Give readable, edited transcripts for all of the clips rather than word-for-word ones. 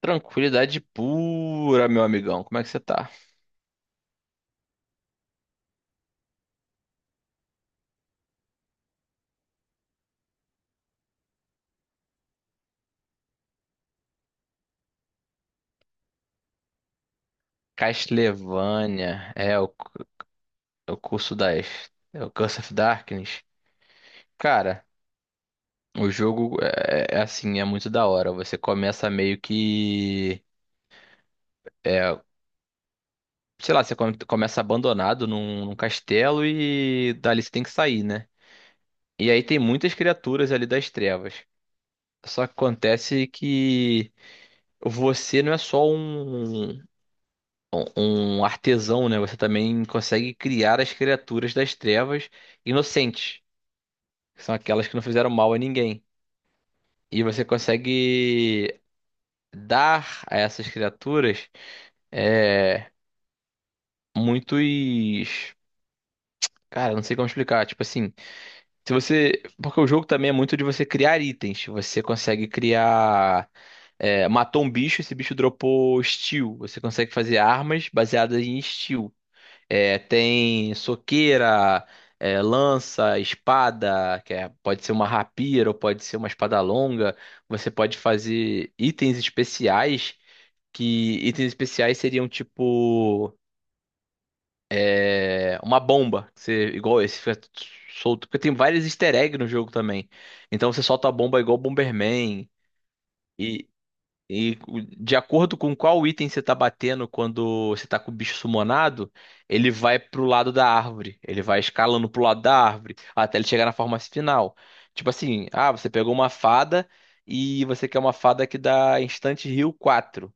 Tranquilidade pura, meu amigão. Como é que você tá? Castlevania é o curso das. É o Curse of Darkness. Cara, o jogo é assim, é muito da hora. Você começa meio que. É, sei lá, você começa abandonado num castelo e dali você tem que sair, né? E aí tem muitas criaturas ali das trevas. Só que acontece que você não é só um um artesão, né? Você também consegue criar as criaturas das trevas inocentes, que são aquelas que não fizeram mal a ninguém. E você consegue dar a essas criaturas é, muitos. Cara, não sei como explicar. Tipo assim, se você. Porque o jogo também é muito de você criar itens. Você consegue criar. Matou um bicho, esse bicho dropou steel. Você consegue fazer armas baseadas em steel. É, tem soqueira, lança, espada, que pode ser uma rapira ou pode ser uma espada longa. Você pode fazer itens especiais, que itens especiais seriam tipo uma bomba. Que você, igual esse fica solto, porque tem vários easter eggs no jogo também. Então você solta a bomba igual Bomberman. E de acordo com qual item você tá batendo quando você tá com o bicho sumonado, ele vai pro lado da árvore. Ele vai escalando pro lado da árvore até ele chegar na forma final. Tipo assim, ah, você pegou uma fada e você quer uma fada que dá instante heal 4.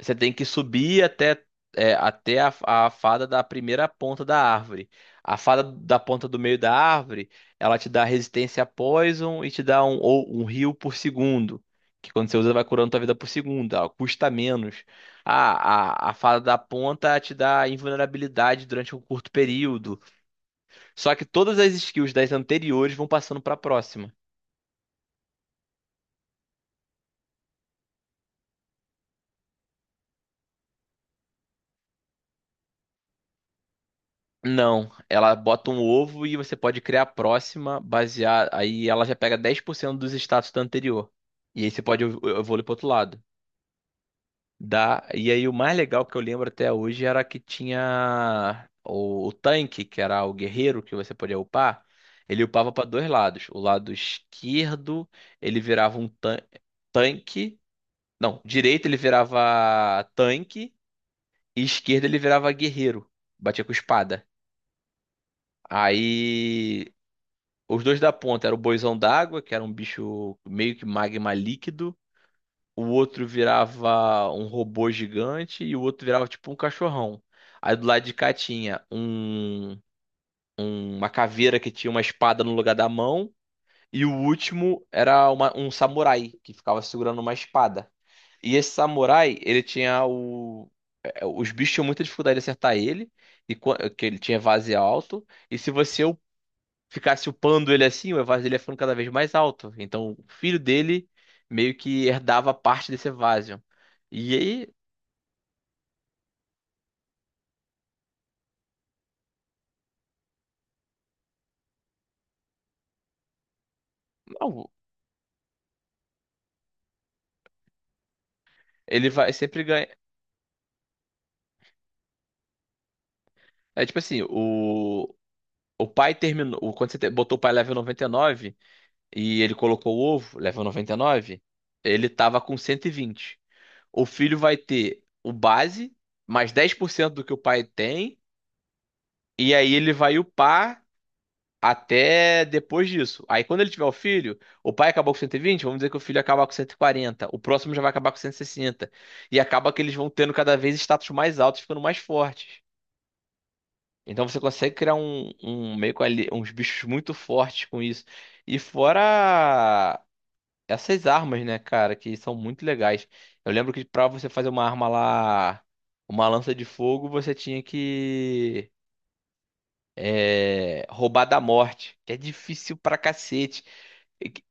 Você tem que subir até a fada da primeira ponta da árvore. A fada da ponta do meio da árvore, ela te dá resistência a poison e te dá um, ou um heal por segundo. Que quando você usa, vai curando tua vida por segundo. Ela custa menos. A fada da ponta te dá invulnerabilidade durante um curto período. Só que todas as skills das anteriores vão passando para a próxima. Não, ela bota um ovo e você pode criar a próxima, basear. Aí ela já pega 10% dos status da anterior. E aí você pode evoluir pro outro lado. Dá. E aí o mais legal que eu lembro até hoje era que tinha o tanque, que era o guerreiro que você podia upar. Ele upava para dois lados. O lado esquerdo ele virava um tanque. Não, direito ele virava tanque e esquerdo ele virava guerreiro. Batia com espada. Aí os dois da ponta era o boizão d'água, que era um bicho meio que magma líquido. O outro virava um robô gigante e o outro virava tipo um cachorrão. Aí do lado de cá tinha uma caveira que tinha uma espada no lugar da mão. E o último era um samurai que ficava segurando uma espada. E esse samurai, ele tinha o. Os bichos tinham muita dificuldade de acertar ele, e que ele tinha vase alto. E se você ficasse upando ele assim, o Evasor dele ia ficando cada vez mais alto. Então, o filho dele meio que herdava parte desse Evasion. E aí, não, ele vai sempre ganhar. É tipo assim, o pai terminou. Quando você botou o pai level 99 e ele colocou o ovo, level 99 ele tava com 120. O filho vai ter o base, mais 10% do que o pai tem. E aí ele vai upar até depois disso. Aí quando ele tiver o filho, o pai acabou com 120, vamos dizer que o filho acaba com 140, o próximo já vai acabar com 160. E sessenta. E acaba que eles vão tendo cada vez status mais altos, ficando mais fortes. Então você consegue criar um, meio com ali, uns bichos muito fortes com isso. E fora essas armas, né, cara, que são muito legais. Eu lembro que pra você fazer uma arma lá, uma lança de fogo, você tinha que roubar da morte, que é difícil pra cacete. E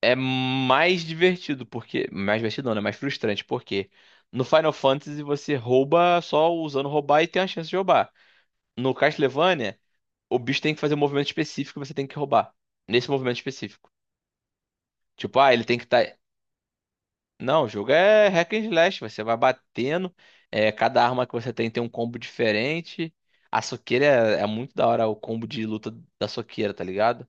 É mais divertido, porque. Mais divertido não, né? Mais frustrante, porque no Final Fantasy você rouba só usando roubar e tem a chance de roubar. No Castlevania, o bicho tem que fazer um movimento específico e você tem que roubar. Nesse movimento específico. Tipo, ah, ele tem que estar. Não, o jogo é hack and slash, você vai batendo. Cada arma que você tem um combo diferente. A soqueira é muito da hora o combo de luta da soqueira, tá ligado?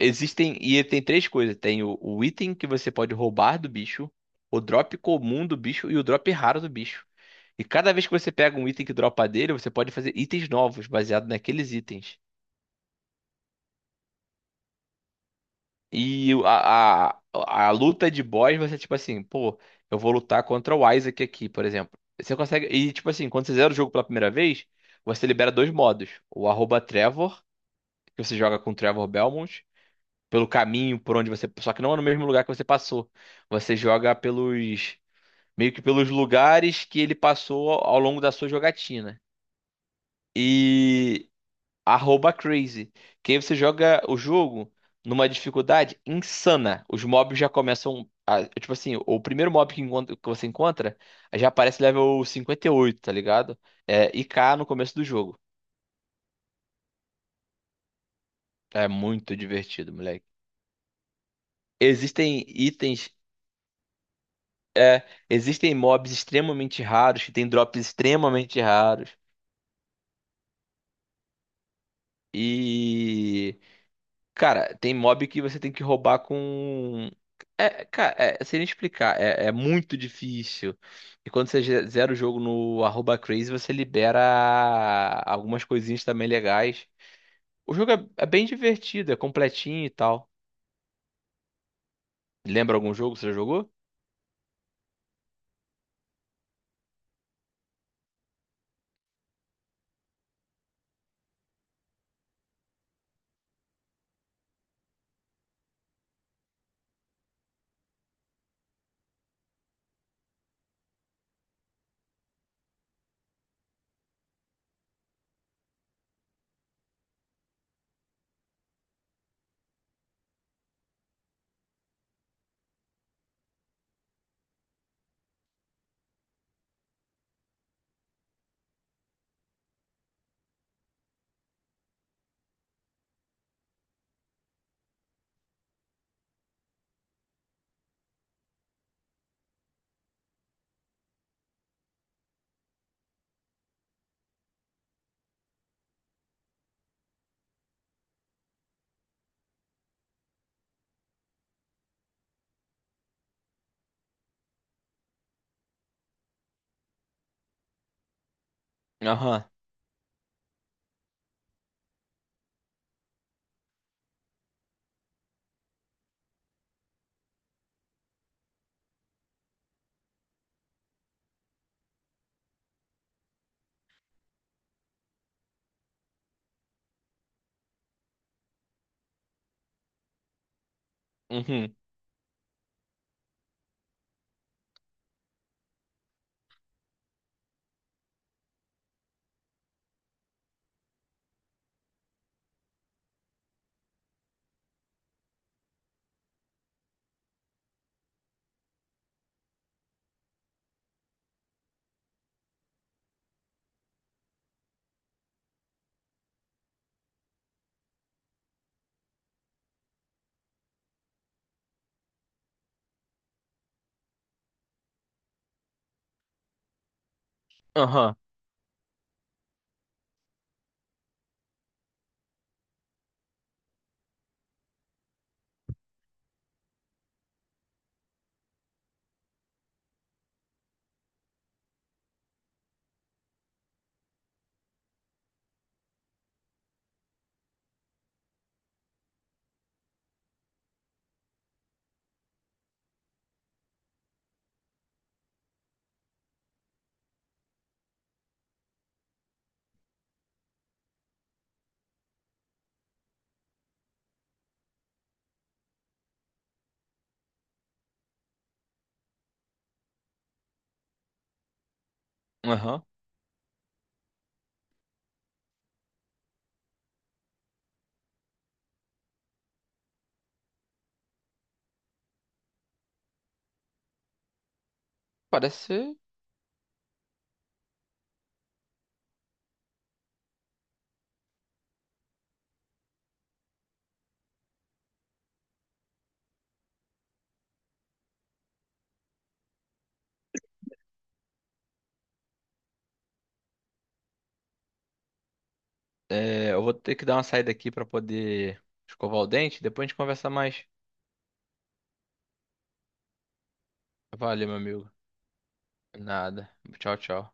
Existem, e tem três coisas: tem o item que você pode roubar do bicho, o drop comum do bicho e o drop raro do bicho. E cada vez que você pega um item que dropa dele, você pode fazer itens novos, baseado naqueles itens. E a luta de boss, você, tipo assim, pô, eu vou lutar contra o Isaac aqui, por exemplo. Você consegue. E, tipo assim, quando você zera o jogo pela primeira vez, você libera dois modos: o arroba Trevor, que você joga com o Trevor Belmont. Pelo caminho por onde você. Só que não é no mesmo lugar que você passou. Você joga pelos. Meio que pelos lugares que ele passou ao longo da sua jogatina. E. Arroba Crazy. Que aí você joga o jogo numa dificuldade insana. Os mobs já começam. Tipo assim, o primeiro mob que você encontra já aparece level 58, tá ligado? I k no começo do jogo. É muito divertido, moleque. Existem itens. Existem mobs extremamente raros, que tem drops extremamente raros. E, cara, tem mob que você tem que roubar com. É, cara, sem explicar, é muito difícil. E quando você zera o jogo no arroba crazy, você libera algumas coisinhas também legais. O jogo é bem divertido, é completinho e tal. Lembra algum jogo que você já jogou? Aham, uhum, aham, aham. Parece. É, eu vou ter que dar uma saída aqui pra poder escovar o dente. Depois a gente conversa mais. Valeu, meu amigo. Nada. Tchau, tchau.